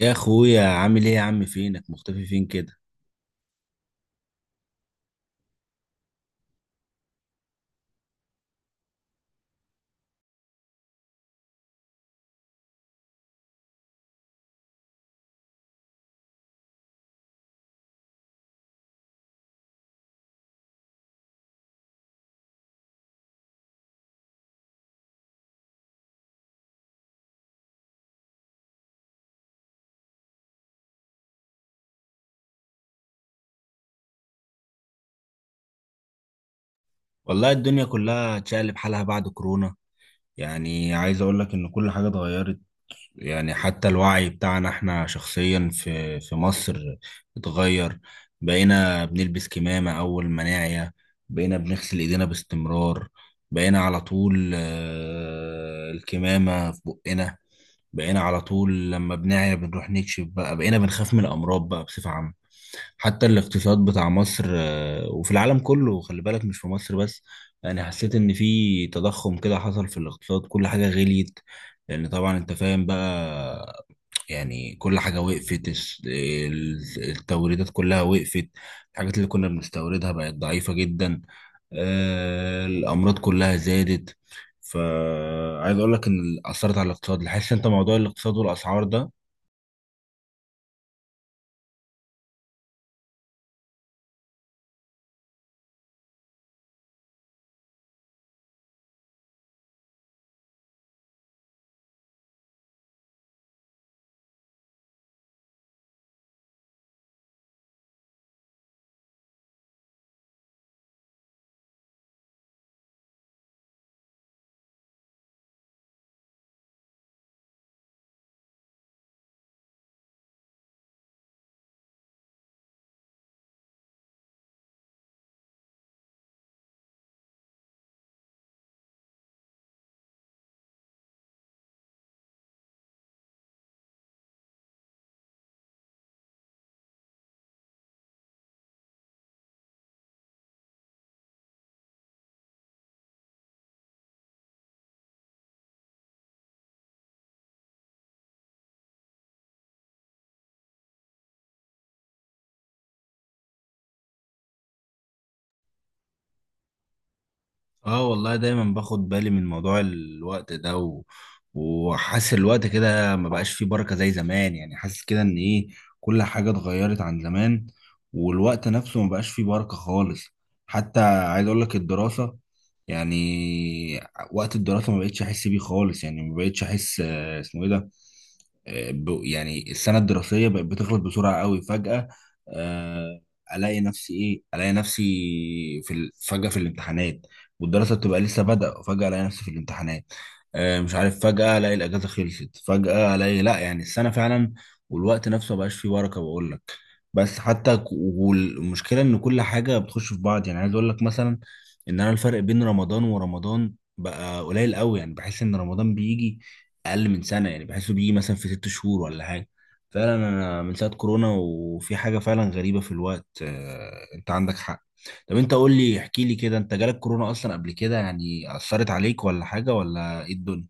يا اخويا عامل ايه يا عم، فينك مختفي فين كده؟ والله الدنيا كلها اتشقلب حالها بعد كورونا. يعني عايز اقول لك ان كل حاجة اتغيرت. يعني حتى الوعي بتاعنا احنا شخصيا في مصر اتغير. بقينا بنلبس كمامة اول ما نعيا. بقينا بنغسل ايدينا باستمرار. بقينا على طول، الكمامة في بقنا. بقينا على طول لما بنعيا بنروح نكشف بقى، بقينا بنخاف من الامراض بقى بصفة عامة. حتى الاقتصاد بتاع مصر، وفي العالم كله، خلي بالك مش في مصر بس. يعني حسيت ان في تضخم كده حصل في الاقتصاد، كل حاجة غليت. لان طبعا انت فاهم بقى. يعني كل حاجة وقفت، التوريدات كلها وقفت. الحاجات اللي كنا بنستوردها بقت ضعيفة جدا. الأمراض كلها زادت. فعايز أقول لك إن أثرت على الاقتصاد، حاسس أنت موضوع الاقتصاد والأسعار ده. اه والله دايما باخد بالي من موضوع الوقت ده وحاسس الوقت كده ما بقاش فيه بركة زي زمان. يعني حاسس كده ان ايه، كل حاجة اتغيرت عن زمان. والوقت نفسه ما بقاش فيه بركة خالص. حتى عايز اقول لك الدراسة، يعني وقت الدراسة ما بقتش احس بيه خالص. يعني ما بقتش احس، اسمه ايه ده؟ يعني السنة الدراسية بقت بتخلص بسرعة قوي فجأة. آه، الاقي نفسي ايه، الاقي نفسي فجأة في الامتحانات. والدراسه بتبقى لسه بادئه وفجاه الاقي نفسي في الامتحانات. مش عارف، فجاه الاقي الاجازه خلصت، فجاه الاقي لا، يعني السنه فعلا. والوقت نفسه مبقاش فيه بركه بقول لك. بس حتى والمشكله ان كل حاجه بتخش في بعض. يعني عايز اقول لك مثلا ان انا الفرق بين رمضان ورمضان بقى قليل قوي. يعني بحس ان رمضان بيجي اقل من سنه، يعني بحسه بيجي مثلا في 6 شهور ولا حاجه. فعلا انا من ساعه كورونا وفي حاجه فعلا غريبه في الوقت، انت عندك حق. طب انت قول لي، احكي لي كده، انت جالك كورونا اصلا قبل كده؟ يعني اثرت عليك ولا حاجه، ولا ايه الدنيا؟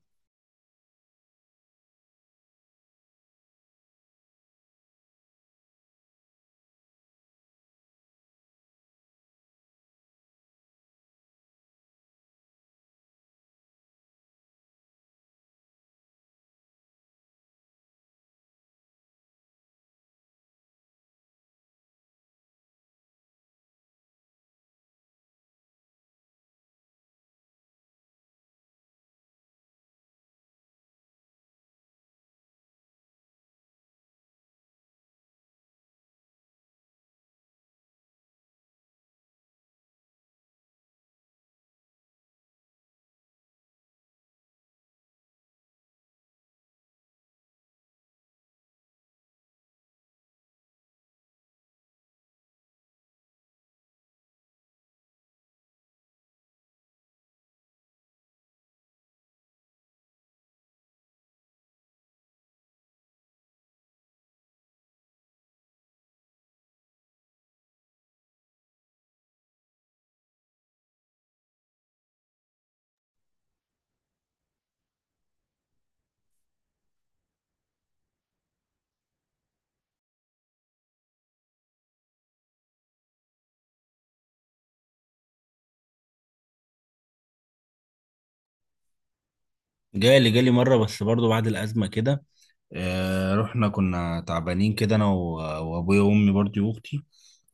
جالي مرة، بس برضو بعد الأزمة كده. رحنا كنا تعبانين كده، أنا وأبويا وأمي برضو وأختي.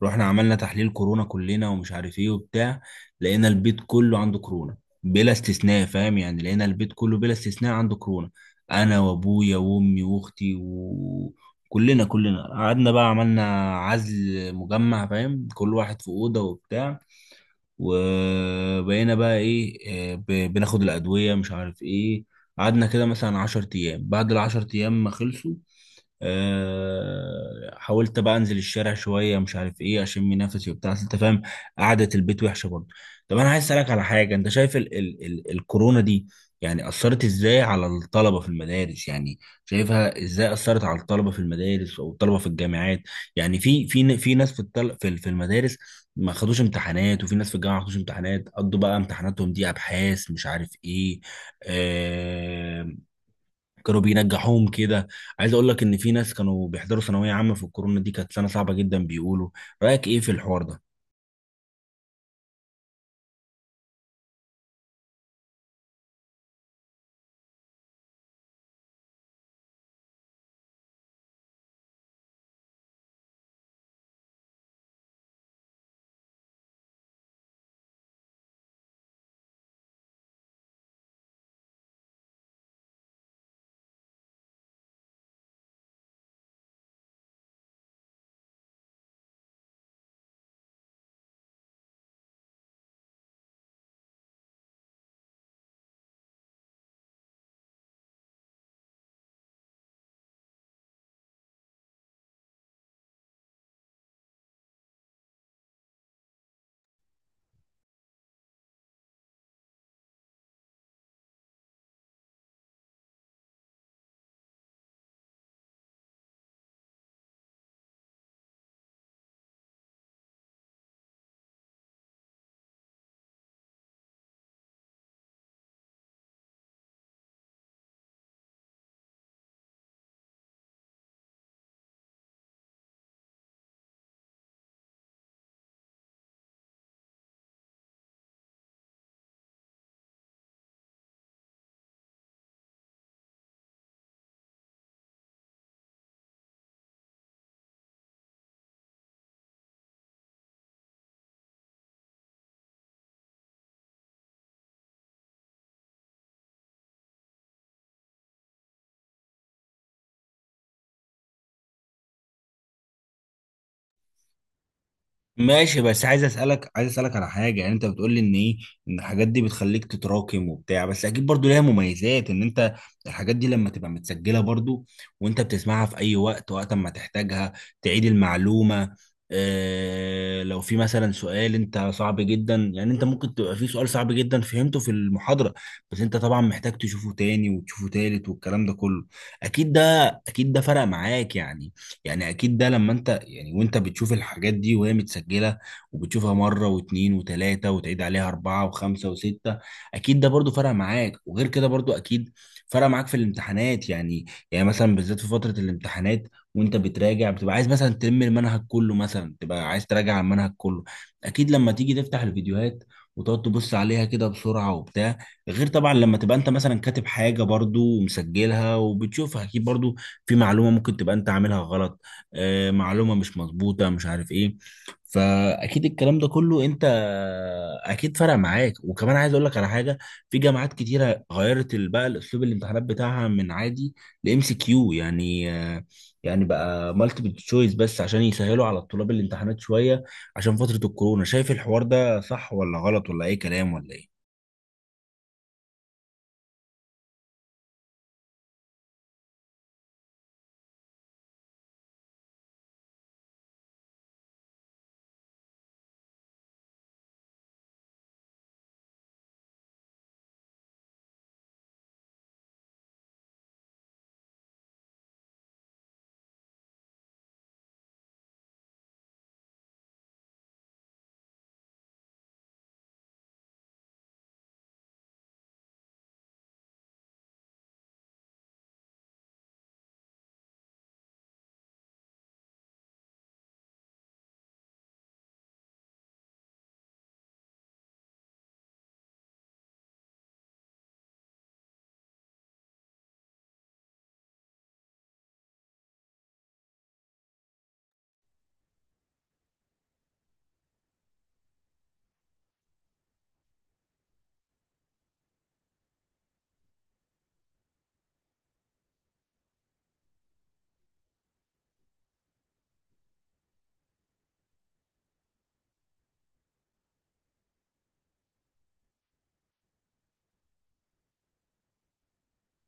رحنا عملنا تحليل كورونا كلنا ومش عارف إيه وبتاع. لقينا البيت كله عنده كورونا بلا استثناء، فاهم يعني؟ لقينا البيت كله بلا استثناء عنده كورونا. أنا وأبويا وأمي وأختي وكلنا كلنا قعدنا بقى، عملنا عزل مجمع، فاهم؟ كل واحد في أوضة وبتاع. وبقينا بقى ايه، بناخد الادويه، مش عارف ايه. قعدنا كده مثلا 10 ايام، بعد العشر ايام ما خلصوا، حاولت بقى انزل الشارع شويه، مش عارف ايه، اشم نفسي وبتاع، أصل انت فاهم، قعده البيت وحشه برضه. طب انا عايز اسالك على حاجه، انت شايف ال ال ال الكورونا دي يعني اثرت ازاي على الطلبه في المدارس؟ يعني شايفها ازاي اثرت على الطلبه في المدارس او الطلبه في الجامعات؟ يعني في ناس في الطل في في المدارس ما خدوش امتحانات، وفي ناس في الجامعه ما خدوش امتحانات، قضوا بقى امتحاناتهم دي ابحاث، مش عارف ايه. آه كانوا بينجحوهم كده. عايز اقول لك ان في ناس كانوا بيحضروا ثانويه عامه في الكورونا دي، كانت سنه صعبه جدا بيقولوا. رايك ايه في الحوار ده؟ ماشي، بس عايز اسالك، على حاجه. يعني انت بتقول لي ان ايه، ان الحاجات دي بتخليك تتراكم وبتاع، بس اكيد برضو ليها مميزات، ان انت الحاجات دي لما تبقى متسجله برضو، وانت بتسمعها في اي وقت، وقت ما تحتاجها تعيد المعلومه. اه، لو في مثلا سؤال انت صعب جدا، يعني انت ممكن تبقى في سؤال صعب جدا فهمته في المحاضره، بس انت طبعا محتاج تشوفه تاني وتشوفه تالت والكلام ده كله. اكيد ده، فرق معاك يعني. يعني اكيد ده لما انت، يعني وانت بتشوف الحاجات دي وهي متسجله وبتشوفها مره واتنين وتلاته وتعيد عليها اربعه وخمسه وسته، اكيد ده برضو فرق معاك. وغير كده برضو اكيد فرق معاك في الامتحانات. يعني يعني مثلا بالذات في فتره الامتحانات وانت بتراجع، بتبقى عايز مثلا تلم المنهج كله، مثلا تبقى عايز تراجع على المنهج كله، اكيد لما تيجي تفتح الفيديوهات وتقعد تبص عليها كده بسرعه وبتاع. غير طبعا لما تبقى انت مثلا كاتب حاجه برضو ومسجلها وبتشوفها، اكيد برضو في معلومه ممكن تبقى انت عاملها غلط، معلومة مش مظبوطة، مش عارف ايه. فأكيد الكلام ده كله انت أكيد فرق معاك. وكمان عايز أقول لك على حاجة، في جامعات كتيرة غيرت بقى الأسلوب الامتحانات بتاعها من عادي لإم سي كيو، يعني يعني بقى مالتيبل تشويس، بس عشان يسهلوا على الطلاب الامتحانات شوية عشان فترة الكورونا. شايف الحوار ده صح ولا غلط ولا أي كلام ولا ايه؟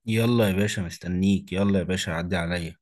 يلا يا باشا مستنيك، يلا يا باشا عدي عليا.